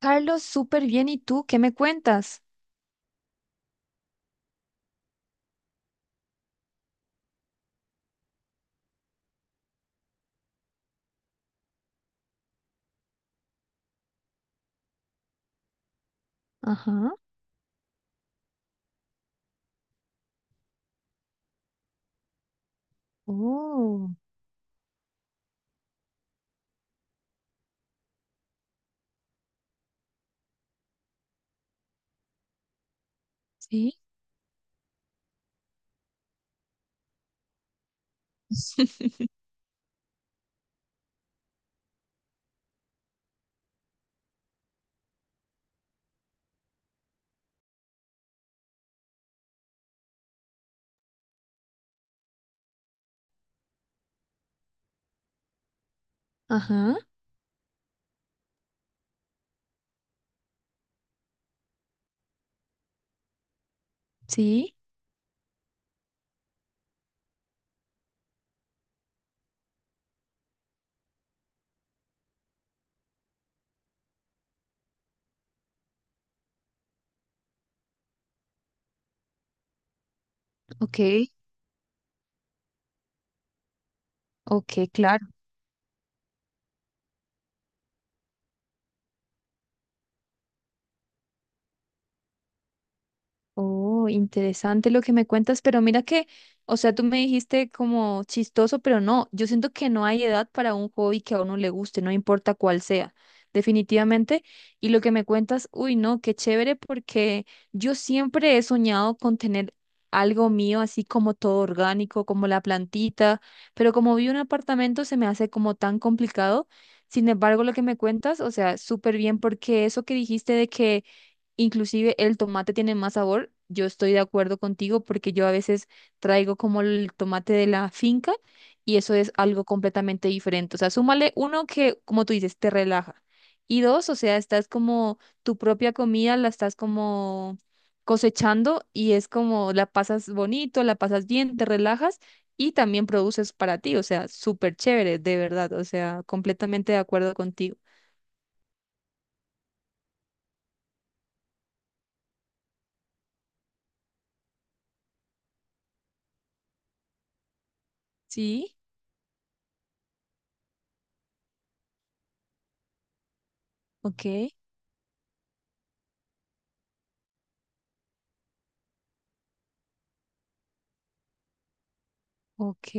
Carlos, súper bien. ¿Y tú qué me cuentas? Ajá. Oh, sí. Ajá. Sí. Ok. Ok, claro. Oh, interesante lo que me cuentas, pero mira que, o sea, tú me dijiste como chistoso, pero no, yo siento que no hay edad para un hobby que a uno le guste, no importa cuál sea, definitivamente. Y lo que me cuentas, uy, no, qué chévere, porque yo siempre he soñado con tener algo mío, así como todo orgánico, como la plantita, pero como vi un apartamento se me hace como tan complicado. Sin embargo, lo que me cuentas, o sea, súper bien, porque eso que dijiste de que inclusive el tomate tiene más sabor. Yo estoy de acuerdo contigo porque yo a veces traigo como el tomate de la finca y eso es algo completamente diferente. O sea, súmale uno que, como tú dices, te relaja. Y dos, o sea, estás como tu propia comida, la estás como cosechando y es como la pasas bonito, la pasas bien, te relajas y también produces para ti. O sea, súper chévere, de verdad. O sea, completamente de acuerdo contigo. Sí, ok, ok.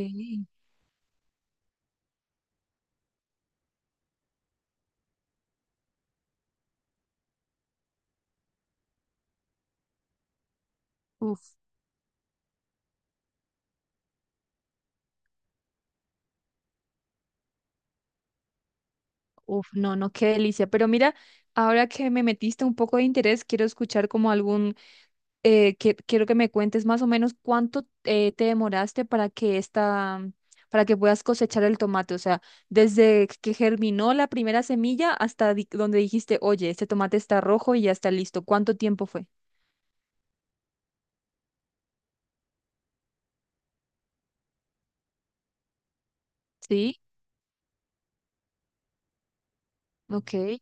Uf. Uf, no, no, qué delicia. Pero mira, ahora que me metiste un poco de interés, quiero escuchar como algún, quiero que me cuentes más o menos cuánto te demoraste para que esta, para que puedas cosechar el tomate. O sea, desde que germinó la primera semilla hasta donde dijiste, oye, este tomate está rojo y ya está listo. ¿Cuánto tiempo fue? Sí, ok.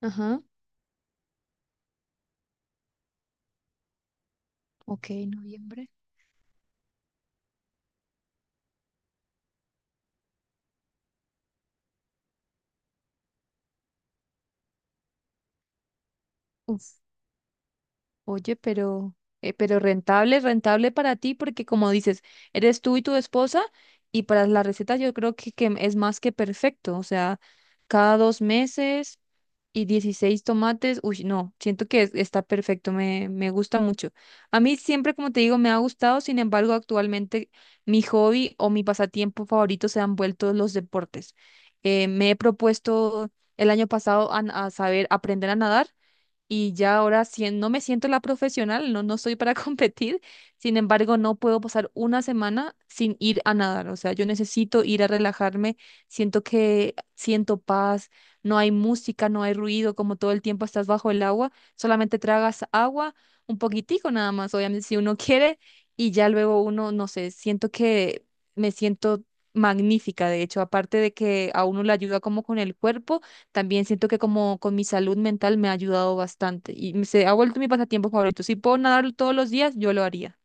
Ajá, ok, noviembre. Uf. Oye, pero rentable, rentable para ti, porque como dices, eres tú y tu esposa, y para la receta yo creo que, es más que perfecto. O sea, cada 2 meses y 16 tomates, uy, no, siento que está perfecto, me gusta mucho. A mí siempre, como te digo, me ha gustado, sin embargo, actualmente mi hobby o mi pasatiempo favorito se han vuelto los deportes. Me he propuesto el año pasado a saber aprender a nadar y ya ahora sí no me siento la profesional, no, no soy para competir, sin embargo, no puedo pasar una semana sin ir a nadar, o sea, yo necesito ir a relajarme, siento que siento paz, no hay música, no hay ruido, como todo el tiempo estás bajo el agua, solamente tragas agua, un poquitico nada más, obviamente si uno quiere, y ya luego uno, no sé, siento que me siento magnífica, de hecho, aparte de que a uno le ayuda como con el cuerpo también siento que como con mi salud mental me ha ayudado bastante y se ha vuelto mi pasatiempo favorito. Si puedo nadar todos los días, yo lo haría.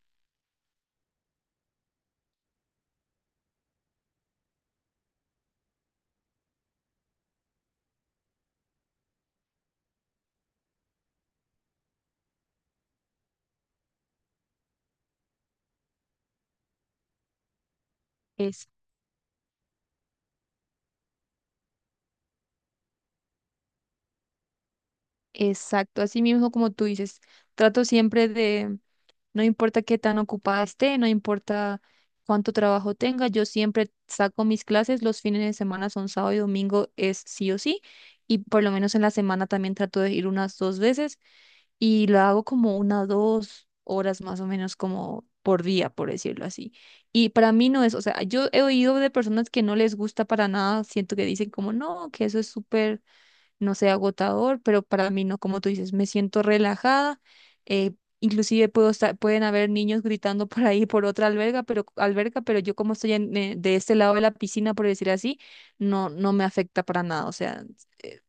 Es exacto, así mismo como tú dices, trato siempre de, no importa qué tan ocupada esté, no importa cuánto trabajo tenga, yo siempre saco mis clases, los fines de semana son sábado y domingo, es sí o sí, y por lo menos en la semana también trato de ir unas dos veces y lo hago como una, 2 horas más o menos como por día, por decirlo así. Y para mí no es, o sea, yo he oído de personas que no les gusta para nada, siento que dicen como no, que eso es súper, no sé, agotador, pero para mí no, como tú dices, me siento relajada. eh, Inclusive puedo estar, pueden haber niños gritando por ahí por otra alberga, pero alberca, pero yo como estoy de este lado de la piscina, por decir así, no, no me afecta para nada. O sea,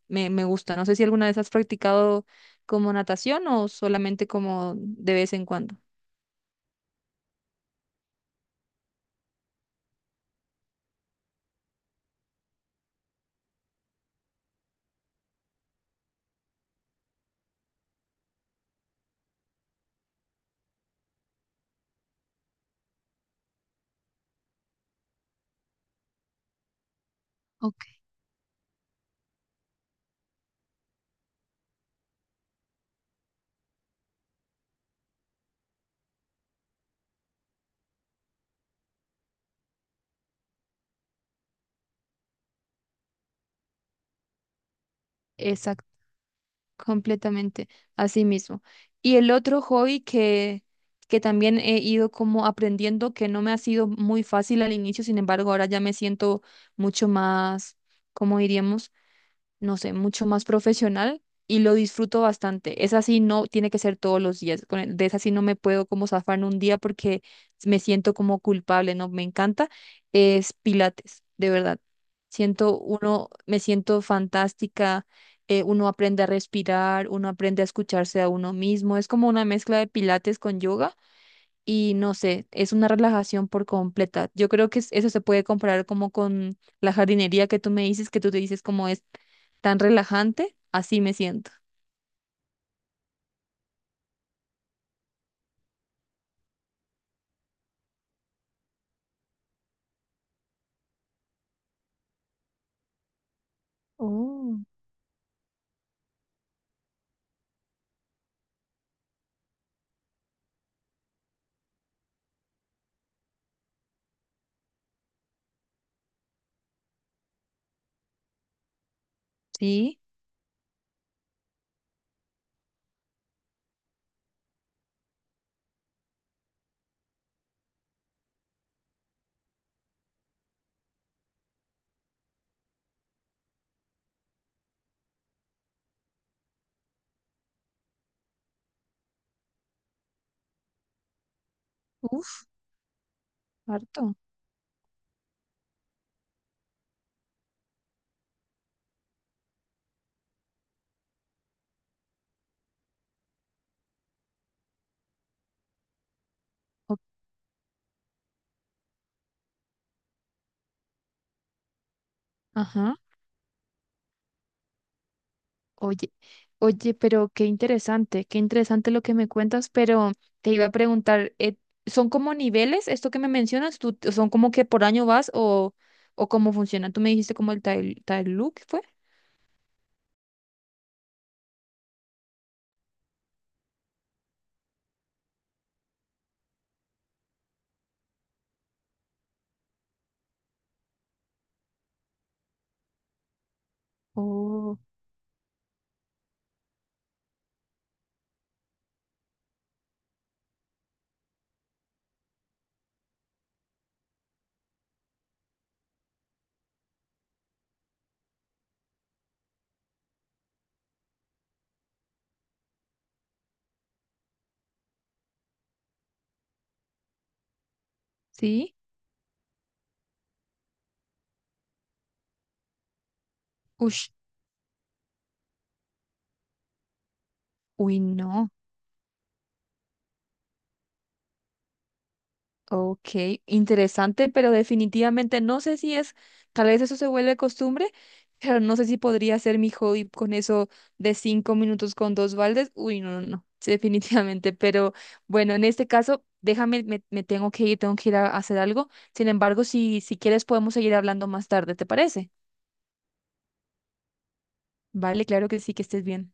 me gusta. No sé si alguna vez has practicado como natación o solamente como de vez en cuando. Ok, exacto, completamente. Así mismo. Y el otro hobby que también he ido como aprendiendo, que no me ha sido muy fácil al inicio, sin embargo, ahora ya me siento mucho más, ¿como diríamos? No sé, mucho más profesional y lo disfruto bastante. Esa sí no tiene que ser todos los días. De esa sí no me puedo como zafar en un día porque me siento como culpable, no me encanta. Es Pilates, de verdad. Siento uno, me siento fantástica. Uno aprende a respirar, uno aprende a escucharse a uno mismo. Es como una mezcla de Pilates con yoga y no sé, es una relajación por completa. Yo creo que eso se puede comparar como con la jardinería que tú me dices, que tú te dices como es tan relajante, así me siento. Oh, sí, uf, harto. O- Ajá. Oye, oye, pero qué interesante lo que me cuentas, pero te iba a preguntar, ¿son como niveles esto que me mencionas? ¿Tú, son como que por año vas o cómo funciona? Tú me dijiste como el Tai Look, ¿fue? Oh, sí. Uy, no. Ok, interesante, pero definitivamente no sé si es, tal vez eso se vuelve costumbre, pero no sé si podría ser mi hobby con eso de 5 minutos con dos baldes. Uy, no, no, no, sí, definitivamente, pero bueno, en este caso, déjame, me tengo que ir a hacer algo. Sin embargo, si quieres podemos seguir hablando más tarde, ¿te parece? Vale, claro que sí, que estés bien.